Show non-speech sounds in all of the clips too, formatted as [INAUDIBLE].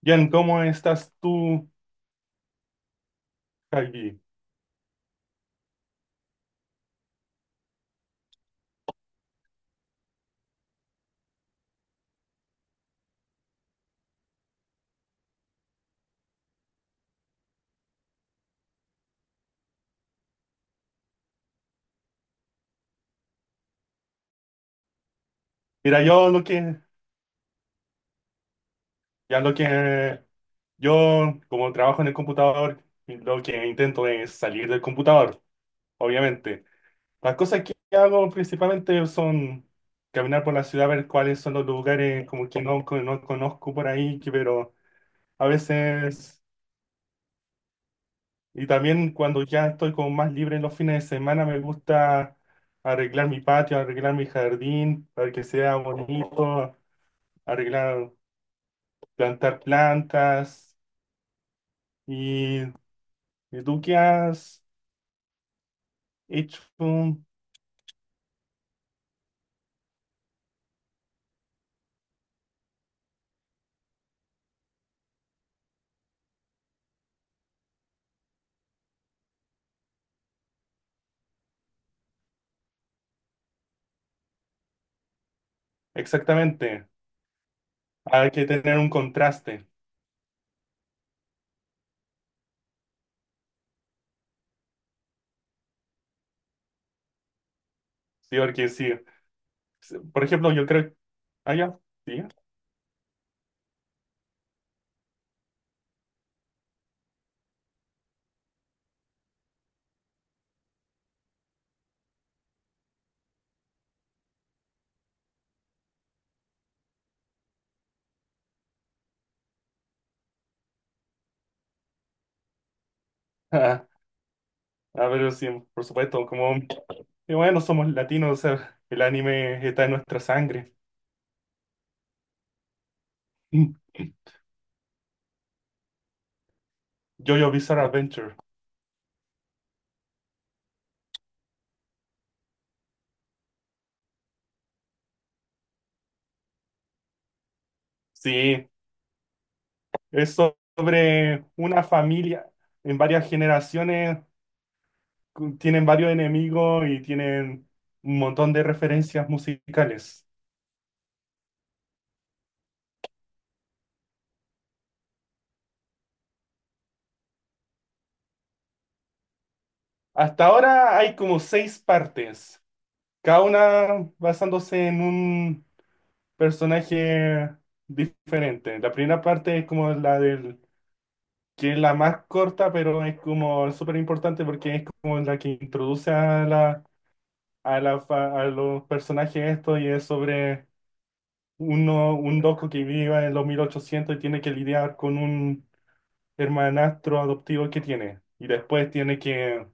Bien, ¿cómo estás tú, Javi? Mira, yo lo que, ya lo que, Yo como trabajo en el computador, lo que intento es salir del computador, obviamente. Las cosas que hago principalmente son caminar por la ciudad, ver cuáles son los lugares como que no conozco por ahí, pero a veces, y también cuando ya estoy como más libre en los fines de semana, me gusta arreglar mi patio, arreglar mi jardín, para que sea bonito, arreglar plantar plantas. ¿Y, y tú qué has hecho exactamente? Hay que tener un contraste, ¿sí? Porque sí, por ejemplo, yo creo, ah, ya, sí, ah, [LAUGHS] ah, pero sí, por supuesto, como, y bueno, somos latinos, o sea, el anime está en nuestra sangre. [LAUGHS] JoJo Bizarre Adventure, sí, es sobre una familia en varias generaciones tienen varios enemigos y tienen un montón de referencias musicales. Hasta ahora hay como seis partes, cada una basándose en un personaje diferente. La primera parte es como que es la más corta, pero es como súper importante porque es como la que introduce a los personajes esto y es sobre un loco que vive en los 1800 y tiene que lidiar con un hermanastro adoptivo que tiene. Y después tiene que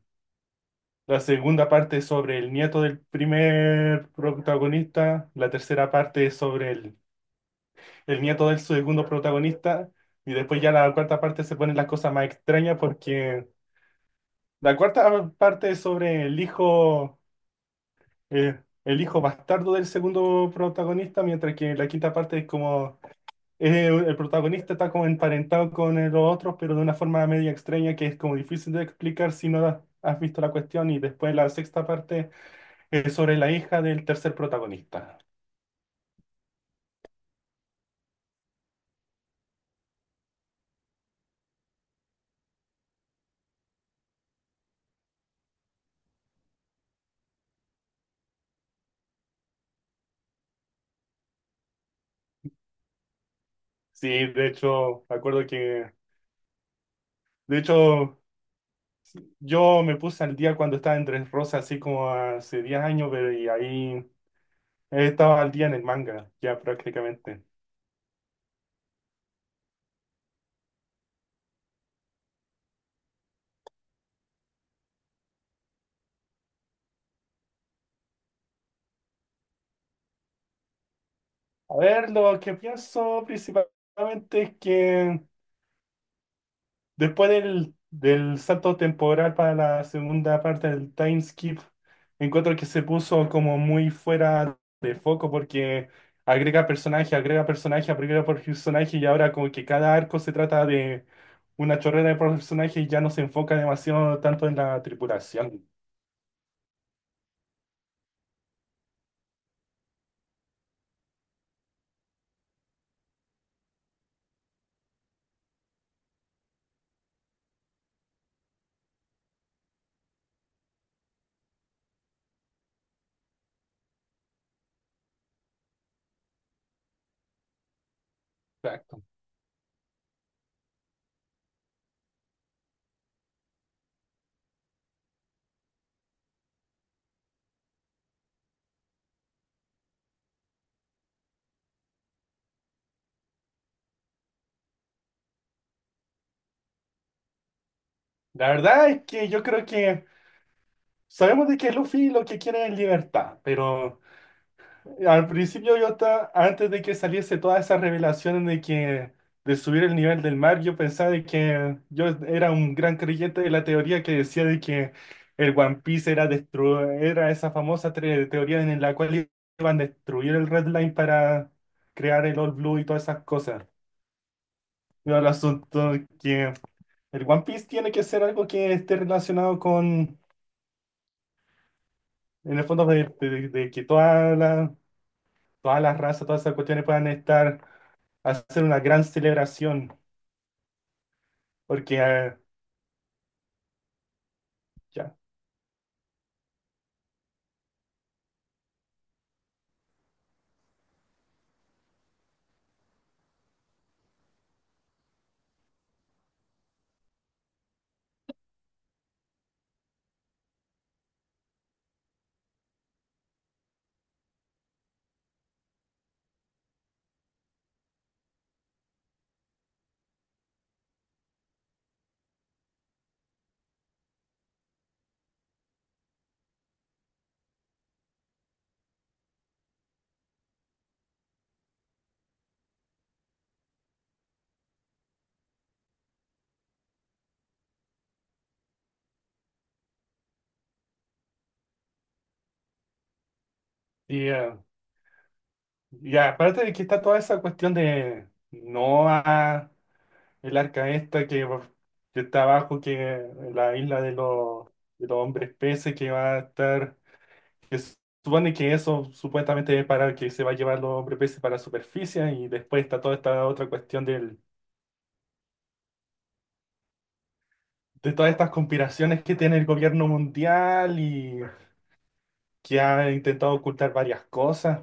La segunda parte es sobre el nieto del primer protagonista, la tercera parte es sobre el nieto del segundo protagonista, y después ya la cuarta parte se ponen las cosas más extrañas porque la cuarta parte es sobre el hijo bastardo del segundo protagonista, mientras que la quinta parte es como el protagonista está como emparentado con el otro, pero de una forma media extraña que es como difícil de explicar si no has visto la cuestión. Y después la sexta parte es sobre la hija del tercer protagonista. Sí, de hecho, de hecho, yo me puse al día cuando estaba en Tres Rosas, así como hace 10 años, pero y ahí estaba al día en el manga, ya prácticamente. A ver, lo que pienso principalmente es que después del salto temporal para la segunda parte del time skip, encuentro que se puso como muy fuera de foco porque agrega personaje, agrega personaje, agrega por personaje y ahora como que cada arco se trata de una chorrera de personaje y ya no se enfoca demasiado tanto en la tripulación. Exacto. La verdad es que yo creo que sabemos de que Luffy lo que quiere es libertad, pero al principio yo estaba, antes de que saliese toda esa revelación de que de subir el nivel del mar, yo pensaba de que yo era un gran creyente de la teoría que decía de que el One Piece era esa famosa teoría en la cual iban a destruir el Red Line para crear el All Blue y todas esas cosas. Pero el asunto es que el One Piece tiene que ser algo que esté relacionado con, en el fondo, de que todas las razas, todas esas cuestiones puedan estar hacer una gran celebración, porque ya, y, eh, y aparte de que está toda esa cuestión de Noah, el arca esta que está abajo, que la isla de los hombres peces que va a estar, que se supone que eso supuestamente es para que se va a llevar los hombres peces para la superficie, y después está toda esta otra cuestión del, de todas estas conspiraciones que tiene el gobierno mundial y que ha intentado ocultar varias cosas.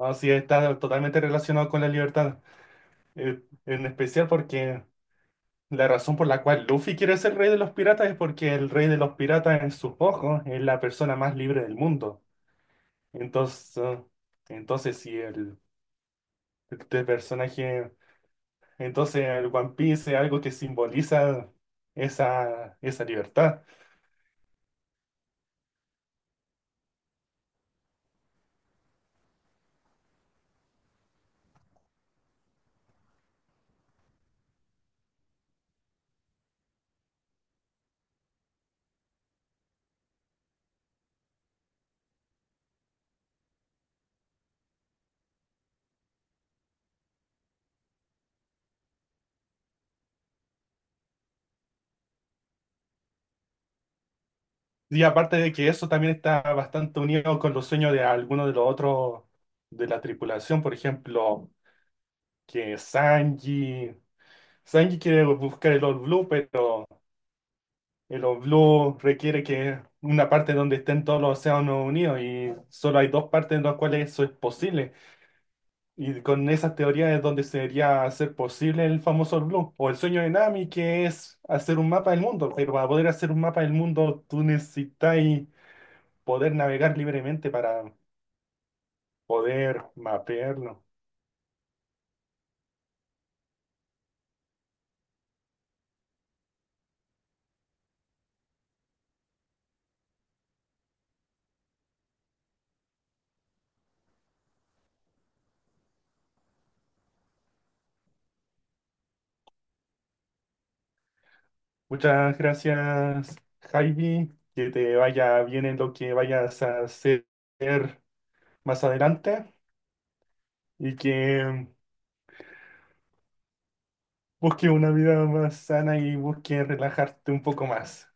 Así está totalmente relacionado con la libertad. Eh, en especial porque la razón por la cual Luffy quiere ser rey de los piratas es porque el rey de los piratas en sus ojos es la persona más libre del mundo. Entonces, eh, entonces, si el, este personaje, entonces el One Piece es algo que simboliza esa libertad. Y aparte de que eso también está bastante unido con los sueños de algunos de los otros de la tripulación, por ejemplo, que Sanji. Sanji quiere buscar el All Blue, pero el All Blue requiere que una parte donde estén todos los océanos unidos y solo hay dos partes en las cuales eso es posible. Y con esas teorías es donde sería hacer posible el famoso All Blue o el sueño de Nami, que es hacer un mapa del mundo. Pero para poder hacer un mapa del mundo, tú necesitas poder navegar libremente para poder mapearlo. Muchas gracias, Javi. Que te vaya bien en lo que vayas a hacer más adelante y que busques una vida más sana y busques relajarte un poco más.